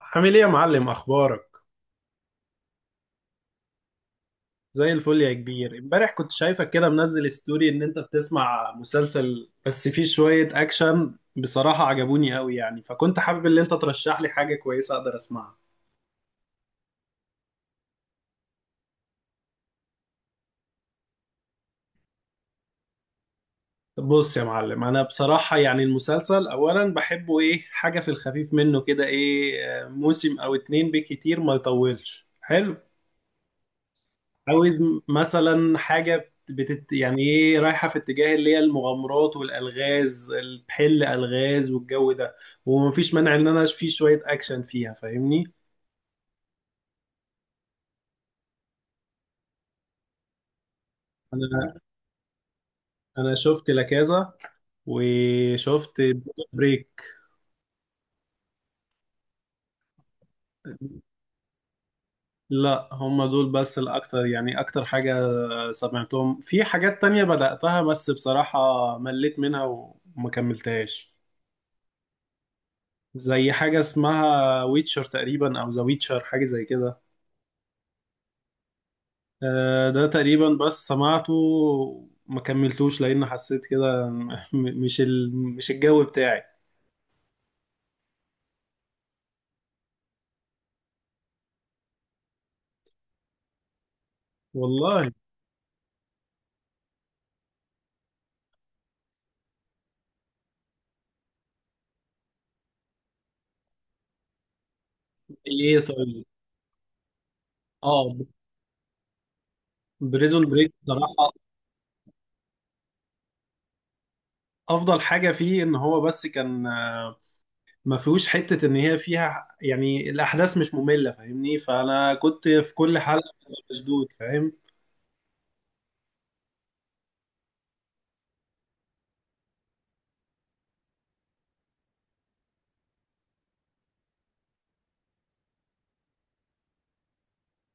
عامل ايه يا معلم، اخبارك؟ زي الفل يا كبير. امبارح كنت شايفك كده منزل ستوري ان انت بتسمع مسلسل بس فيه شوية اكشن، بصراحة عجبوني قوي يعني، فكنت حابب ان انت ترشح لي حاجة كويسة اقدر اسمعها. طب بص يا معلم، انا بصراحة يعني المسلسل اولا بحبه ايه؟ حاجة في الخفيف منه كده، ايه، موسم او اتنين بكتير، ما يطولش، حلو. عاوز مثلا حاجة بتت... يعني ايه، رايحة في اتجاه اللي هي المغامرات والألغاز، الحل ألغاز والجو ده. ومفيش مانع ان انا في شوية اكشن فيها، فاهمني. انا انا شفت لاكازا وشفت بريك. لا، هم دول بس الاكتر يعني اكتر حاجة. سمعتهم في حاجات تانية بدأتها بس بصراحة مليت منها وما كملتهاش. زي حاجة اسمها ويتشر تقريبا او ذا ويتشر، حاجة زي كده. ده تقريبا بس سمعته، ما كملتوش لان حسيت كده مش ال... مش الجو بتاعي. والله. ايه طيب. اه، بريزون بريك بصراحة افضل حاجة فيه ان هو بس كان ما فيهوش حتة ان هي فيها يعني الاحداث مش مملة، فاهمني؟ فانا كنت في كل حلقة ببقى مشدود، فاهم؟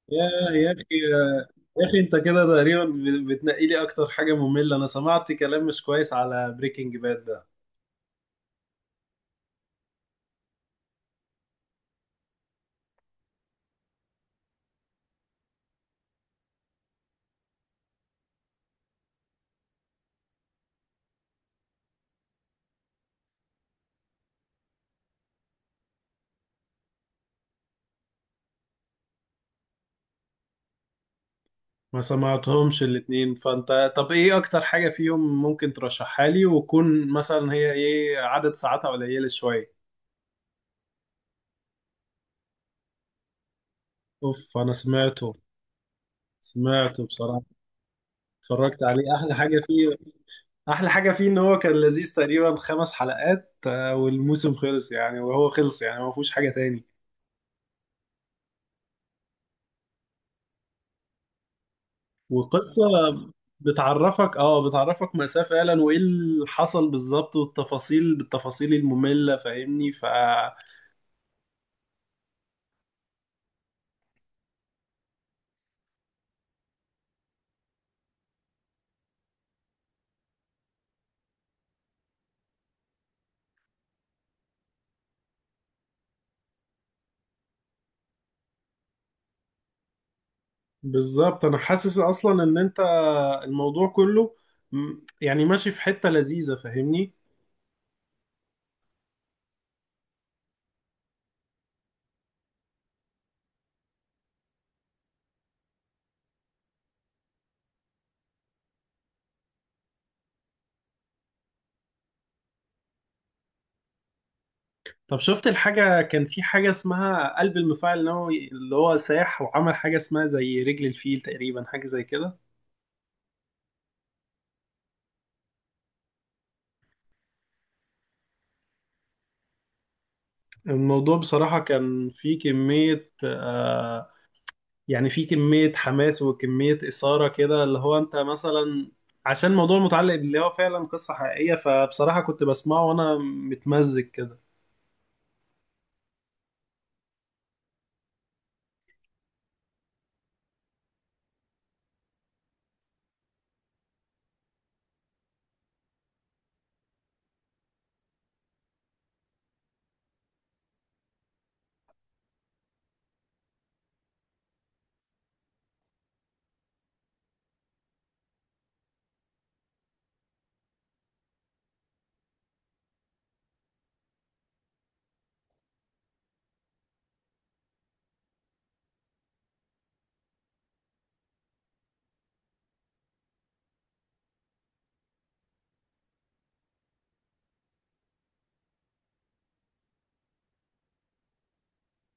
يا يا اخي يا اخي انت كده تقريبا بتنقي لي اكتر حاجة مملة. انا سمعت كلام مش كويس على بريكنج باد ده. ما سمعتهمش الاتنين، فانت طب ايه اكتر حاجة فيهم ممكن ترشحها لي، وكون مثلا هي ايه عدد ساعاتها قليلة شوية؟ اوف، انا سمعته. سمعته بصراحة، اتفرجت عليه. احلى حاجة فيه، احلى حاجة فيه ان هو كان لذيذ، تقريبا 5 حلقات والموسم خلص يعني، وهو خلص يعني، ما فيهوش حاجة تاني. وقصة. بتعرفك، اه بتعرفك مأساة فعلا، وايه اللي حصل بالظبط والتفاصيل، بالتفاصيل المملة، فاهمني؟ ف بالظبط، انا حاسس اصلا ان انت الموضوع كله م- يعني ماشي في حتة لذيذة، فاهمني؟ طب شفت الحاجة؟ كان في حاجة اسمها قلب المفاعل النووي اللي هو ساح وعمل حاجة اسمها زي رجل الفيل تقريبا، حاجة زي كده. الموضوع بصراحة كان فيه كمية يعني فيه كمية حماس وكمية إثارة كده، اللي هو أنت مثلا عشان الموضوع متعلق باللي هو فعلا قصة حقيقية، فبصراحة كنت بسمعه وأنا متمزج كده.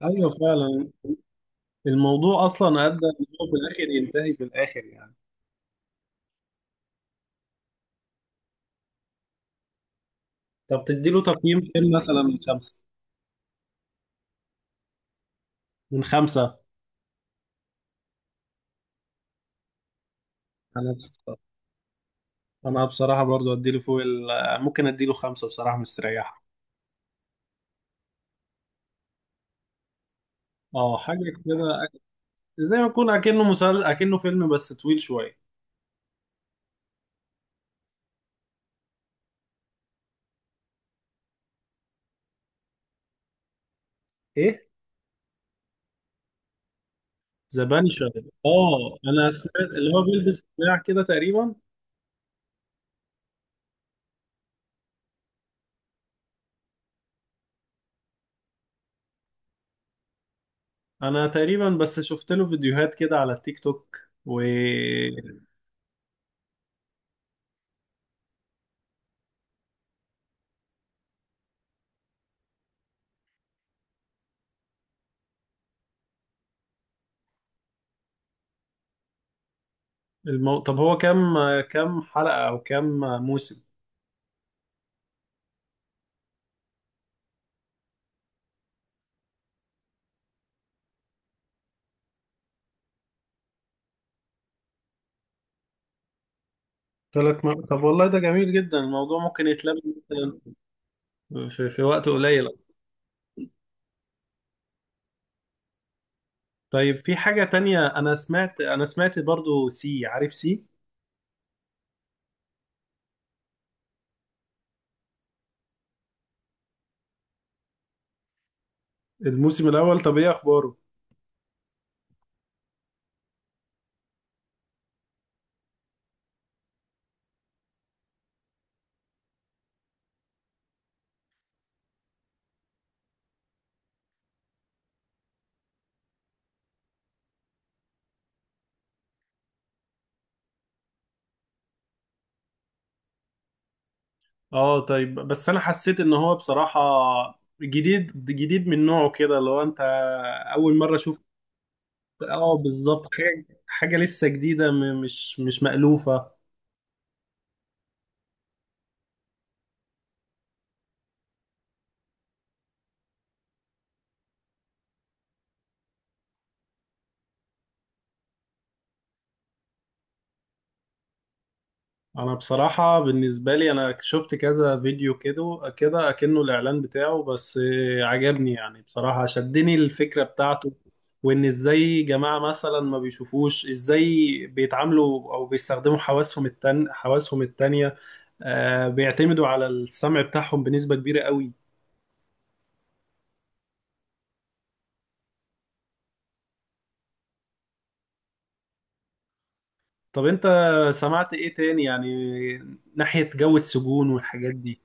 أيوه فعلا، الموضوع أصلا أدى إن هو في الآخر ينتهي، في الآخر يعني. طب تديله تقييم كام مثلا من خمسة؟ من خمسة. أنا بص... أنا بصراحة برضو أديله فوق ال... ممكن أديله خمسة بصراحة، مستريحة. أه حاجة كده. أك- زي ما يكون أكنه مسلسل، أكنه فيلم بس طويل شوية. إيه؟ ذا بانشر؟ أه، أنا سمعت اللي هو بيلبس قناع كده تقريبا. أنا تقريبا بس شفت له فيديوهات كده على التيك توك. و المو... طب هو كام، كام حلقة أو كام موسم؟ ثلاث م... طب والله ده جميل جدا، الموضوع ممكن يتلم في, في وقت قليل. طيب في حاجة تانية، أنا سمعت، أنا سمعت برضو سي، عارف سي؟ الموسم الاول، طب ايه اخباره؟ اه طيب، بس أنا حسيت إن هو بصراحة جديد، جديد من نوعه كده، لو أنت أول مرة شفت. اه بالظبط، حاجة، حاجة لسه جديدة، مش مش مألوفة. انا بصراحة بالنسبة لي انا شفت كذا فيديو كده كده اكنه الاعلان بتاعه، بس عجبني يعني بصراحة، شدني الفكرة بتاعته، وان ازاي جماعة مثلا ما بيشوفوش، ازاي بيتعاملوا او بيستخدموا حواسهم التان حواسهم التانية. آه، بيعتمدوا على السمع بتاعهم بنسبة كبيرة قوي. طب انت سمعت ايه تاني يعني ناحية جو السجون والحاجات دي؟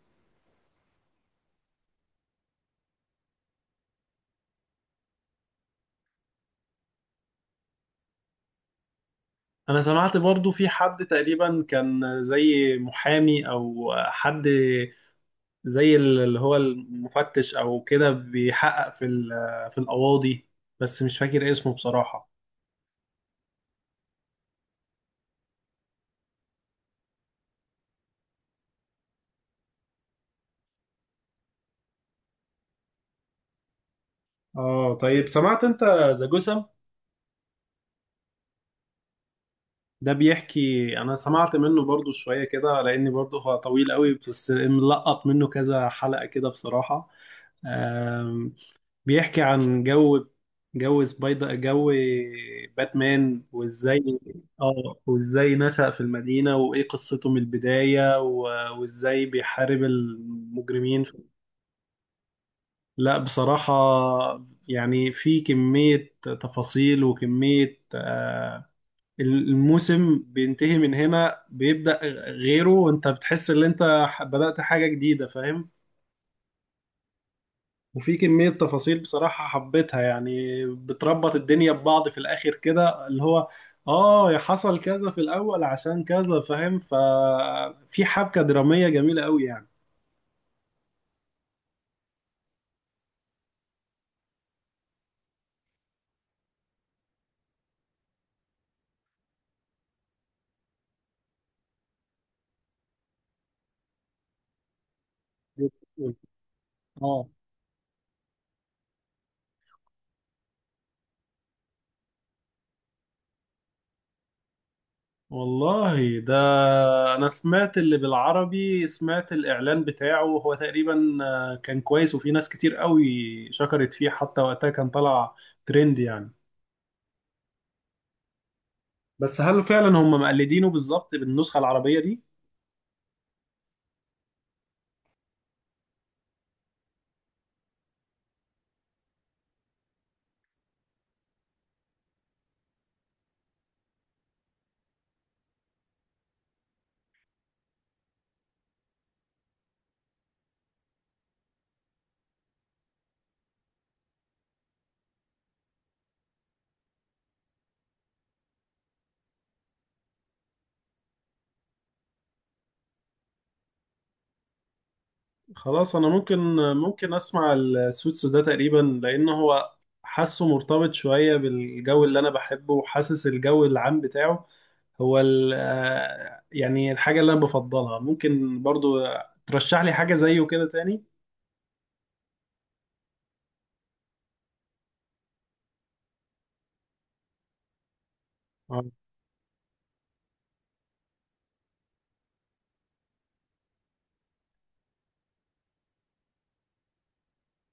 انا سمعت برضو في حد تقريبا كان زي محامي او حد زي اللي هو المفتش او كده، بيحقق في ال- في القواضي، بس مش فاكر اسمه بصراحة. اه طيب، سمعت انت ذا جسم؟ ده بيحكي، انا سمعت منه برضو شوية كده لاني برضو هو طويل قوي، بس ملقط منه كذا حلقة كده بصراحة. آم، بيحكي عن جو، جو سبايدر، جو باتمان، وازاي. اه، وازاي نشأ في المدينة، وايه قصته من البداية، وازاي بيحارب المجرمين. لا بصراحة. يعني في كمية تفاصيل وكمية الموسم بينتهي، من هنا بيبدأ غيره، وانت بتحس ان انت بدأت حاجة جديدة، فاهم؟ وفي كمية تفاصيل بصراحة حبيتها، يعني بتربط الدنيا ببعض في الآخر كده، اللي هو اه حصل كذا في الأول عشان كذا، فاهم؟ ففي حبكة درامية جميلة قوي يعني. اه والله ده، انا سمعت اللي بالعربي، سمعت الاعلان بتاعه، هو تقريبا كان كويس، وفي ناس كتير قوي شكرت فيه، حتى وقتها كان طلع ترند يعني. بس هل فعلا هم مقلدينه بالظبط بالنسخة العربية دي؟ خلاص انا ممكن، ممكن اسمع السوتس ده تقريبا، لان هو حاسه مرتبط شوية بالجو اللي انا بحبه، وحاسس الجو العام بتاعه هو ال- يعني الحاجة اللي انا بفضلها. ممكن برضو ترشح لي حاجة زيه كده تاني؟ آه.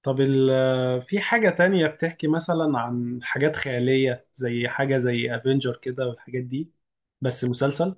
طب ال في حاجة تانية بتحكي مثلا عن حاجات خيالية، زي حاجة زي افنجر كده والحاجات دي، بس مسلسل؟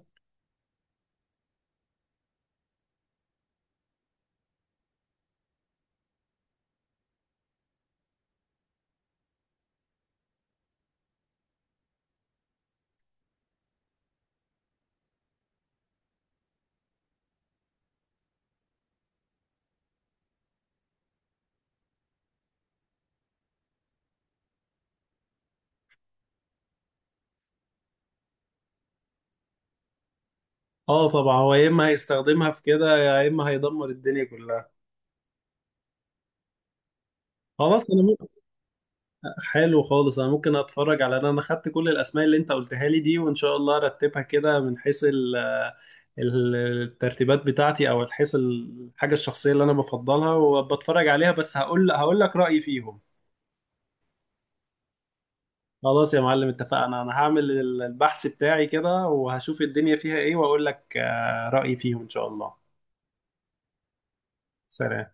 اه طبعا، هو يا اما هيستخدمها في كده، يا اما هيدمر الدنيا كلها. خلاص انا ممكن. حلو خالص، انا ممكن اتفرج على، انا خدت كل الاسماء اللي انت قلتها لي دي، وان شاء الله ارتبها كده من حيث ال- ال- الترتيبات بتاعتي، او حيث الحاجة الشخصية اللي انا بفضلها وبتفرج عليها، بس هقول، هقول لك رأيي فيهم. خلاص يا معلم، اتفقنا، انا هعمل البحث بتاعي كده وهشوف الدنيا فيها ايه، واقول لك رأيي فيهم ان شاء الله. سلام.